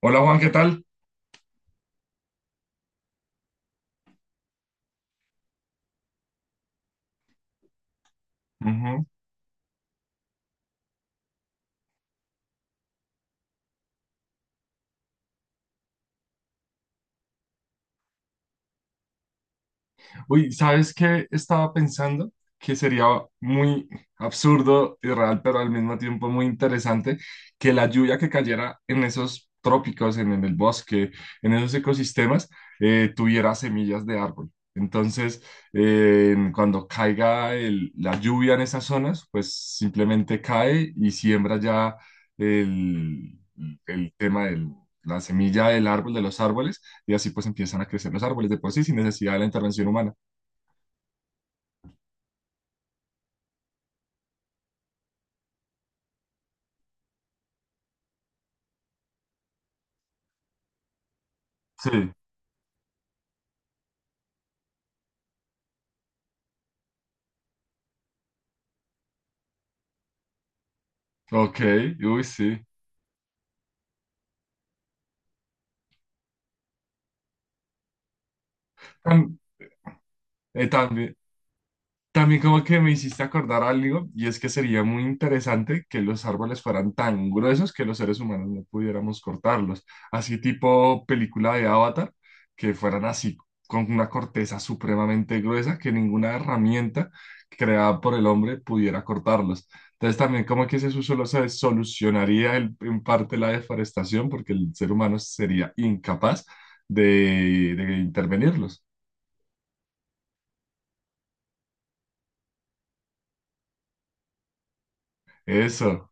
Hola Juan, ¿qué tal? Ujú. Uy, ¿sabes qué estaba pensando? Que sería muy absurdo, irreal, pero al mismo tiempo muy interesante que la lluvia que cayera en esos trópicos, en el bosque, en esos ecosistemas, tuviera semillas de árbol. Entonces, cuando caiga la lluvia en esas zonas, pues simplemente cae y siembra ya el, el tema del la semilla del árbol, de los árboles y así pues empiezan a crecer los árboles de por sí sin necesidad de la intervención humana. Sí, ok, uy, sí. Tam- También, también como que me hiciste acordar algo, y es que sería muy interesante que los árboles fueran tan gruesos que los seres humanos no pudiéramos cortarlos. Así tipo película de Avatar, que fueran así, con una corteza supremamente gruesa que ninguna herramienta creada por el hombre pudiera cortarlos. Entonces también como que ese solo se solucionaría en parte la deforestación porque el ser humano sería incapaz de intervenirlos. Eso.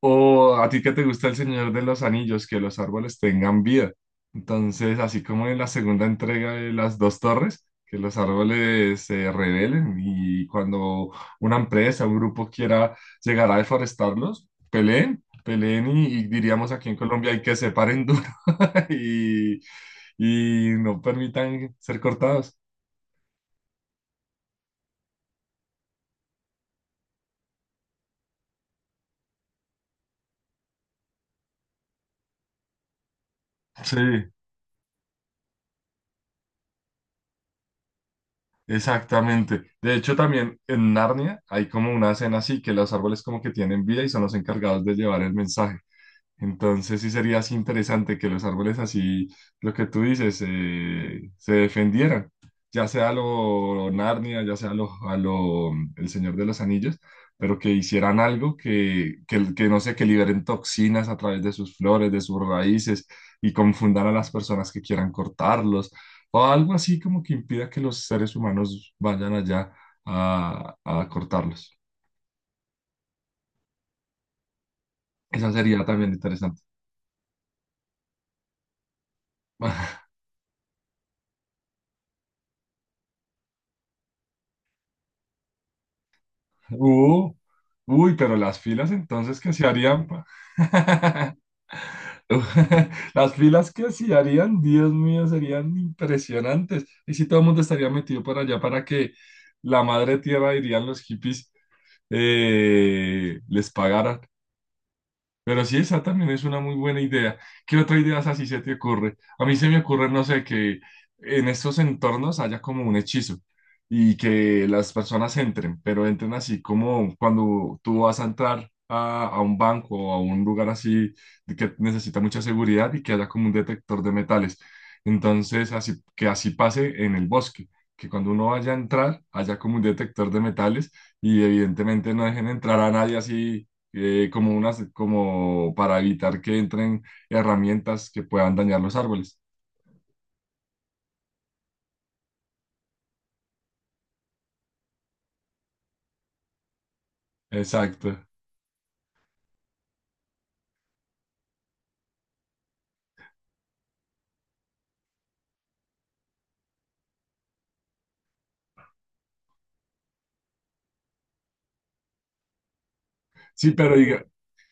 O a ti que te gusta el Señor de los Anillos, que los árboles tengan vida. Entonces, así como en la segunda entrega de las dos torres, que los árboles se rebelen y cuando una empresa, un grupo quiera llegar a deforestarlos, peleen, peleen y diríamos aquí en Colombia hay que se paren duro y, y no permitan ser cortados. Sí. Exactamente. De hecho, también en Narnia hay como una escena así que los árboles como que tienen vida y son los encargados de llevar el mensaje. Entonces sí sería así interesante que los árboles así, lo que tú dices, se defendieran, ya sea lo Narnia, ya sea lo, a lo El Señor de los Anillos, pero que hicieran algo que no sé, que liberen toxinas a través de sus flores, de sus raíces y confundan a las personas que quieran cortarlos o algo así como que impida que los seres humanos vayan allá a cortarlos. Eso sería también interesante. Uh, uy, pero las filas entonces que se harían. Pa- Uh, las filas que se harían, Dios mío, serían impresionantes. Y si todo el mundo estaría metido para allá para que la madre tierra, dirían los hippies, les pagara. Pero sí, esa también es una muy buena idea. ¿Qué otra idea así se te ocurre? A mí se me ocurre, no sé, que en estos entornos haya como un hechizo y que las personas entren, pero entren así como cuando tú vas a entrar a un banco o a un lugar así de que necesita mucha seguridad y que haya como un detector de metales. Entonces, así, que así pase en el bosque, que cuando uno vaya a entrar haya como un detector de metales y evidentemente no dejen entrar a nadie así como unas, como para evitar que entren herramientas que puedan dañar los árboles. Exacto. Sí, pero diga-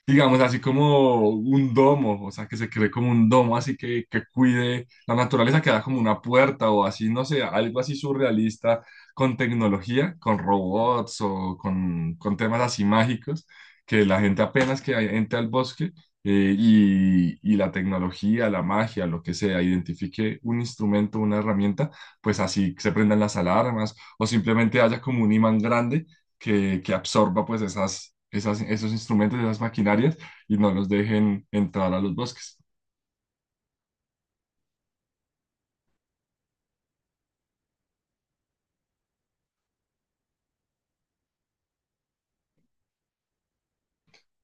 digamos, así como un domo, o sea, que se cree como un domo, así que cuide la naturaleza, que da como una puerta o así, no sé, algo así surrealista con tecnología, con robots con temas así mágicos, que la gente apenas que entre al bosque y la tecnología, la magia, lo que sea, identifique un instrumento, una herramienta, pues así se prendan las alarmas o simplemente haya como un imán grande que absorba pues esos instrumentos, esas maquinarias y no los dejen entrar a los bosques.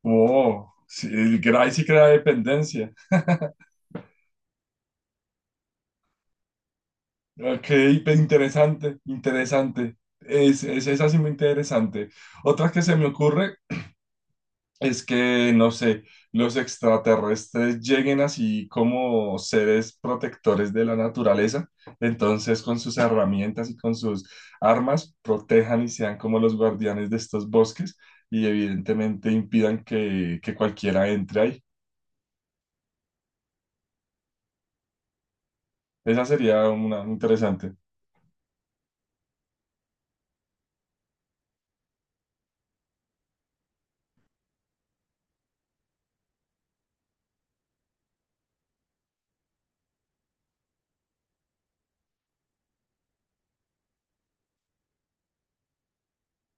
Oh, sí, el Gray sí crea dependencia. Ok, pe- interesante, interesante. Esa sí muy interesante. Otra que se me ocurre es que, no sé, los extraterrestres lleguen así como seres protectores de la naturaleza, entonces con sus herramientas y con sus armas protejan y sean como los guardianes de estos bosques y evidentemente impidan que cualquiera entre ahí. Esa sería una interesante.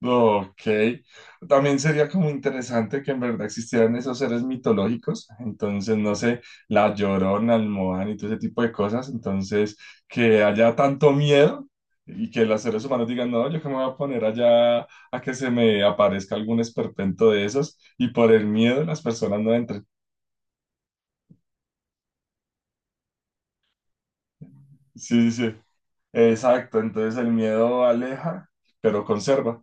Ok, también sería como interesante que en verdad existieran esos seres mitológicos, entonces no sé, la Llorona, Almohad y todo ese tipo de cosas, entonces que haya tanto miedo y que los seres humanos digan, no, yo que me voy a poner allá a que se me aparezca algún esperpento de esos y por el miedo las personas no entren. Sí, sí, sí, exacto, entonces el miedo aleja, pero conserva.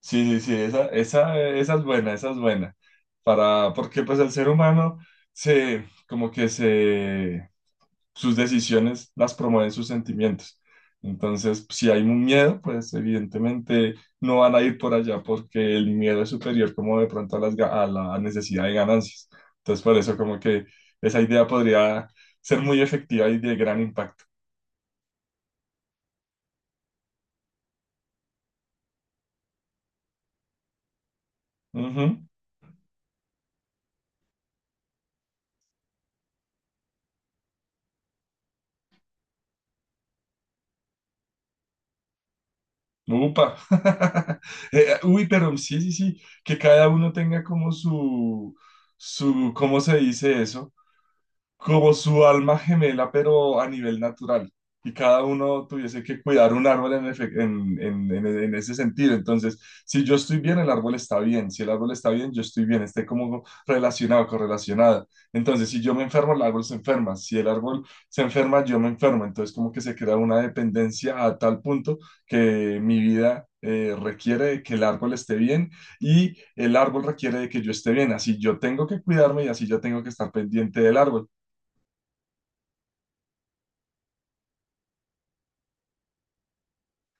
Sí, sí, sí, esa es buena, esa es buena. Para, porque pues el ser humano se, como que se, sus decisiones las promueven sus sentimientos. Entonces, si hay un miedo, pues evidentemente no van a ir por allá porque el miedo es superior como de pronto a, las, ga- a la necesidad de ganancias. Entonces, por eso como que esa idea podría ser muy efectiva y de gran impacto. Upa. Uy, pero sí, sí, sí, que cada uno tenga como su, ¿cómo se dice eso? Como su alma gemela, pero a nivel natural, y cada uno tuviese que cuidar un árbol en, efe- en ese sentido. Entonces, si yo estoy bien, el árbol está bien, si el árbol está bien, yo estoy bien, esté como relacionado, correlacionado. Entonces, si yo me enfermo, el árbol se enferma, si el árbol se enferma, yo me enfermo. Entonces, como que se crea una dependencia a tal punto que mi vida... requiere de que el árbol esté bien y el árbol requiere de que yo esté bien. Así yo tengo que cuidarme y así yo tengo que estar pendiente del árbol.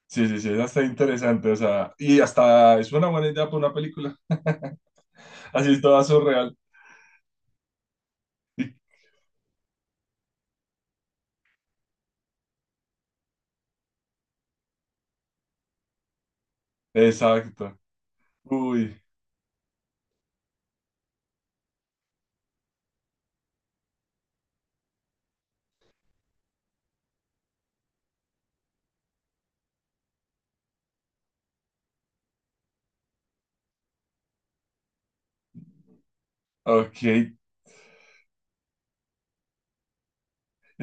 Sí, sí, sí, esa está interesante, o sea, y hasta es una buena idea para una película. Así es toda surreal. Exacto. Uy, ok,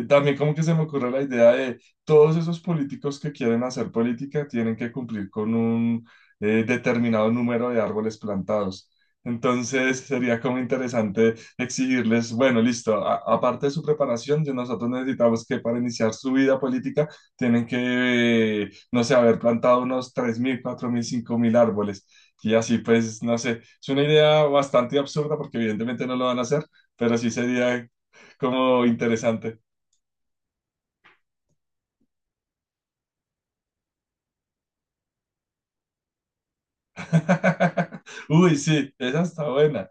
también como que se me ocurre la idea de todos esos políticos que quieren hacer política tienen que cumplir con un determinado número de árboles plantados. Entonces sería como interesante exigirles, bueno, listo, a- aparte de su preparación, de nosotros necesitamos que para iniciar su vida política tienen que, no sé, haber plantado unos 3000 4000 5000 árboles. Y así pues, no sé, es una idea bastante absurda porque evidentemente no lo van a hacer, pero sí sería como interesante. Uy, sí, esa está buena.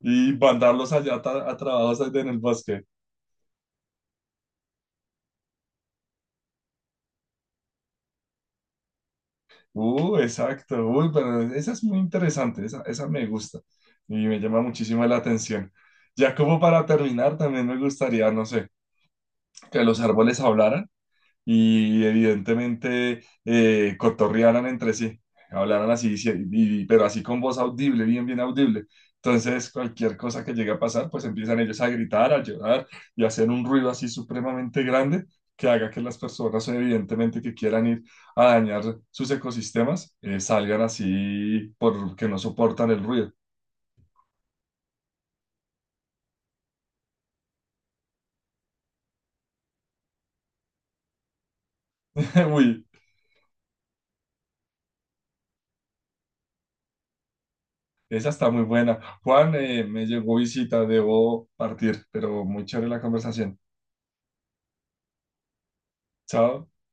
Y mandarlos allá a trabajos allá en el bosque. Exacto. Uy, pero esa es muy interesante, esa me gusta y me llama muchísimo la atención. Ya como para terminar, también me gustaría, no sé, que los árboles hablaran y evidentemente cotorrearan entre sí, hablaran así, sí, y- pero así con voz audible, bien, bien audible. Entonces, cualquier cosa que llegue a pasar, pues empiezan ellos a gritar, a llorar y a hacer un ruido así supremamente grande que haga que las personas, evidentemente, que quieran ir a dañar sus ecosistemas, salgan así porque no soportan el ruido. Uy, esa está muy buena. Juan, me llegó visita, debo partir, pero muy chévere la conversación. Chao.